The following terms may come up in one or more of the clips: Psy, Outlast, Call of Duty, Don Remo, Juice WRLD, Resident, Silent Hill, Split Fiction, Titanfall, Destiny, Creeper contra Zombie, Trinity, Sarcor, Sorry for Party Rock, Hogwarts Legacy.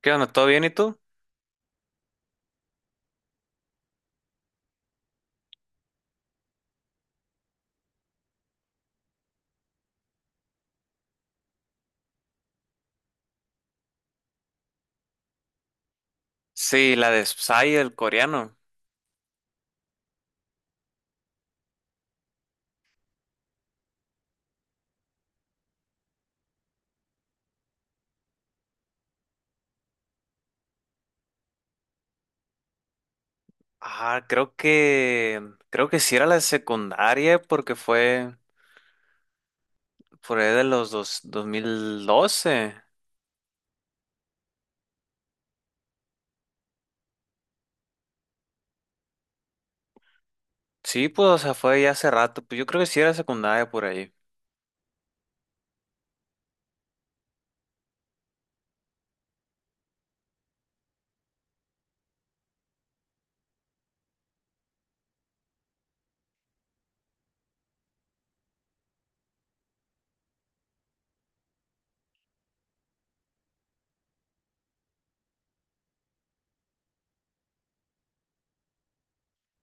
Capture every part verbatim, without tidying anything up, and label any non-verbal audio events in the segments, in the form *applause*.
¿Qué onda? ¿Todo bien y tú? Sí, la de Psy, el coreano. Ah, creo que creo que sí era la de secundaria porque fue por ahí de los dos, dos mil doce. Sí, pues o sea, fue ya hace rato, pues yo creo que sí era secundaria por ahí.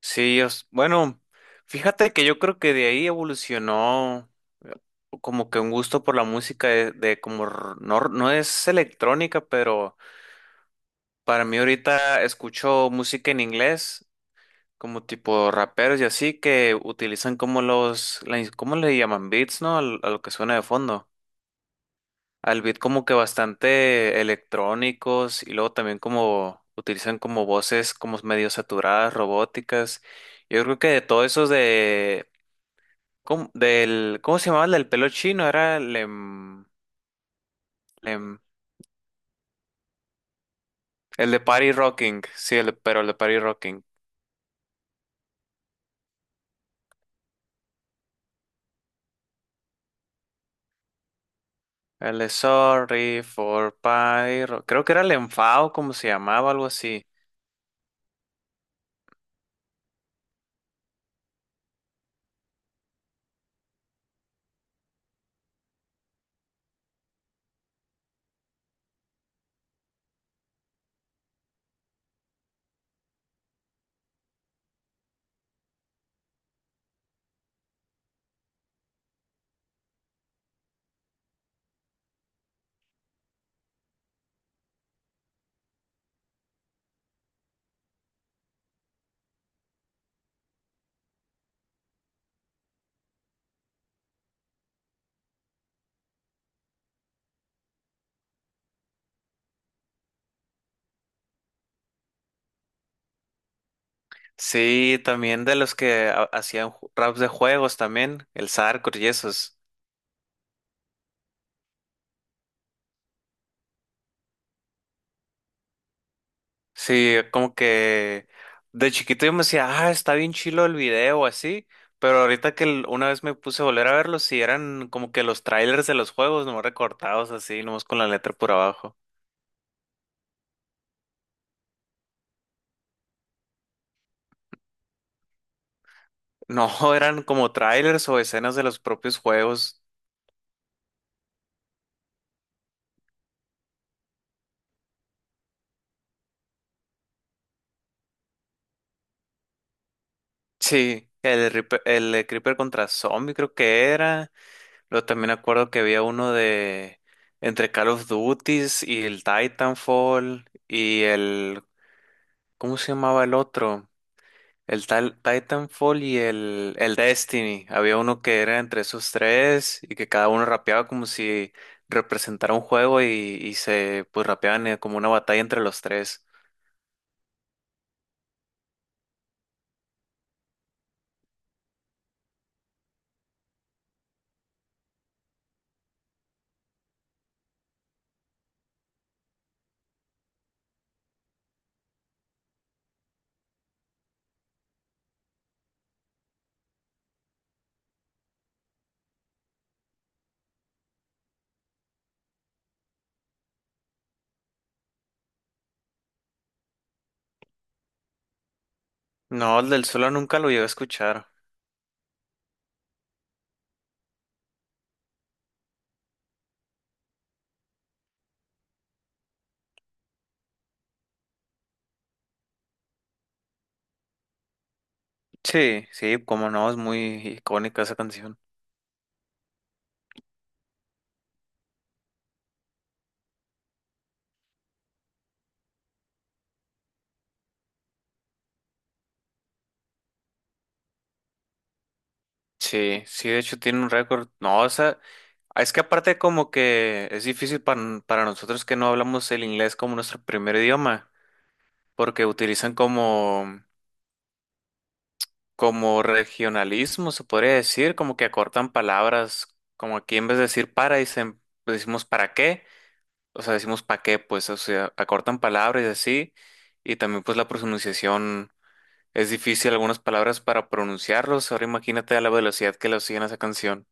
Sí, os- bueno, fíjate que yo creo que de ahí evolucionó como que un gusto por la música de, de como r- no, no es electrónica, pero para mí ahorita escucho música en inglés como tipo raperos y así que utilizan como los, la ins- ¿cómo le llaman? Beats, ¿no? Al- a lo que suena de fondo. Al beat como que bastante electrónicos y luego también como utilizan como voces como medio saturadas, robóticas. Yo creo que de todos esos de, ¿cómo, del, ¿cómo se llamaba el del pelo chino? Era el, em, em, el de Party Rocking, sí, el de- pero el de Party Rocking. El de Sorry for Party Rock- Creo que era el enfado, como se llamaba, algo así. Sí, también de los que ha- hacían ju- raps de juegos también, el Sarcor y esos. Sí, como que de chiquito yo me decía, ah, está bien chilo el video así, pero ahorita que l- una vez me puse a volver a verlos, sí eran como que los trailers de los juegos, nomás recortados así, nomás con la letra por abajo. No, *laughs* eran como trailers o escenas de los propios juegos. Sí, el, Reaper- el eh, Creeper contra Zombie creo que era. Luego también acuerdo que había uno de entre Call of Duties y el Titanfall y el, ¿cómo se llamaba el otro? El tal Titanfall y el, el Destiny. Había uno que era entre esos tres y que cada uno rapeaba como si representara un juego y, y se pues rapeaban eh, como una batalla entre los tres. No, el del solo nunca lo llegué a escuchar. Sí, sí, como no, es muy icónica esa canción. Sí, sí, de hecho tiene un récord. No, o sea, es que aparte como que es difícil para, n- para nosotros que no hablamos el inglés como nuestro primer idioma, porque utilizan como, como regionalismo, se podría decir, como que acortan palabras, como aquí en vez de decir para, dicen, pues decimos para qué, o sea, decimos pa qué, pues, o sea, acortan palabras y así, y también pues la pronunciación es difícil algunas palabras para pronunciarlos, ahora imagínate a la velocidad que lo siguen a esa canción.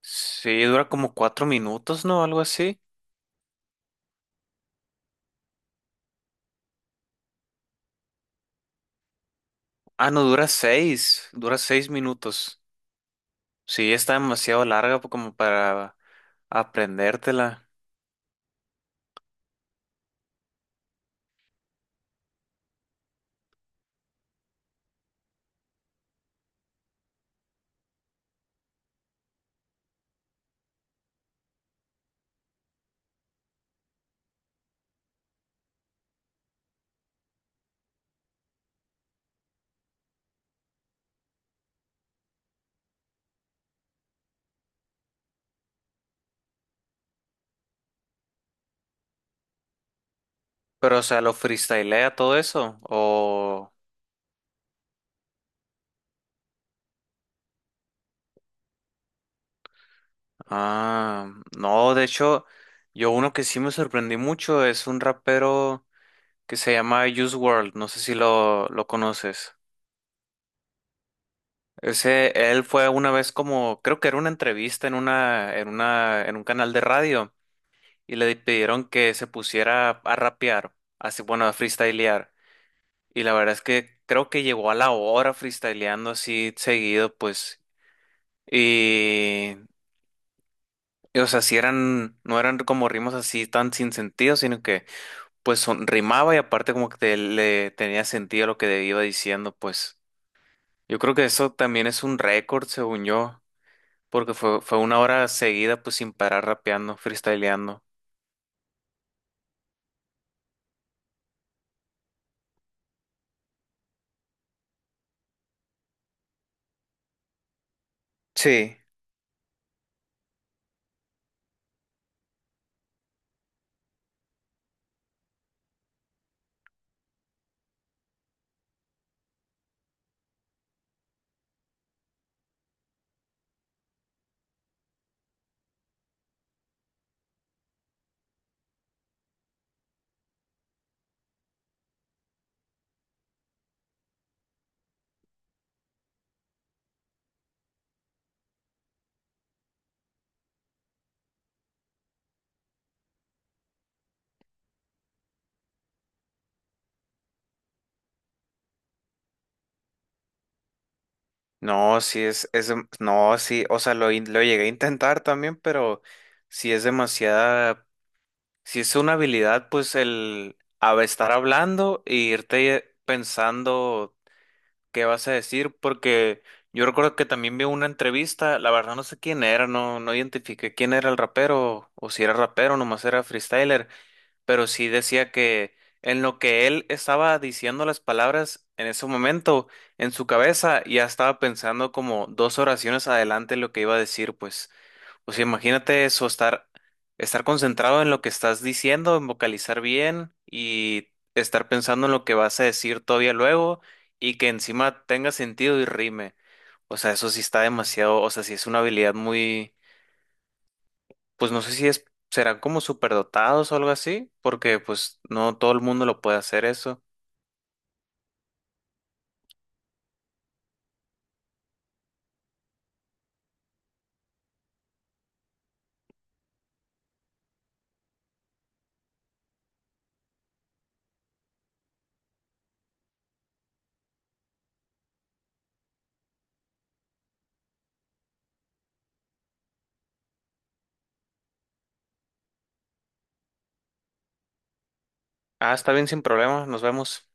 Sí, dura como cuatro minutos, ¿no? Algo así. Ah, no, dura seis. Dura seis minutos. Sí, está demasiado larga po- como para aprendértela. Pero, o sea, ¿lo freestylea todo eso? O... Ah, no, de hecho, yo uno que sí me sorprendí mucho es un rapero que se llama Juice World. No sé si lo, lo conoces. Ese, él fue una vez como, creo que era una entrevista en una, en una, en un canal de radio. Y le pidieron que se pusiera a rapear, así bueno, a freestylear. Y la verdad es que creo que llegó a la hora freestyleando así seguido, pues. Y, y, o sea, si eran, no eran como ritmos así tan sin sentido, sino que pues son- rimaba y aparte como que te- le tenía sentido lo que iba diciendo, pues. Yo creo que eso también es un récord, según yo, porque fue, fue una hora seguida, pues sin parar rapeando, freestyleando. Sí. No, sí es, es, dem- no, sí, o sea, lo, in- lo llegué a intentar también, pero sí es demasiada, sí es una habilidad, pues el hab- estar hablando e irte pensando qué vas a decir, porque yo recuerdo que también vi una entrevista, la verdad no sé quién era, no, no identifiqué quién era el rapero, o si era rapero, nomás era freestyler, pero sí decía que en lo que él estaba diciendo las palabras en ese momento, en su cabeza ya estaba pensando como dos oraciones adelante lo que iba a decir, pues, o sea, imagínate eso, estar, estar concentrado en lo que estás diciendo, en vocalizar bien y estar pensando en lo que vas a decir todavía luego y que encima tenga sentido y rime. O sea, eso sí está demasiado, o sea, sí es una habilidad muy, pues no sé si es, serán como superdotados o algo así, porque pues no todo el mundo lo puede hacer eso. Ah, está bien, sin problema, nos vemos.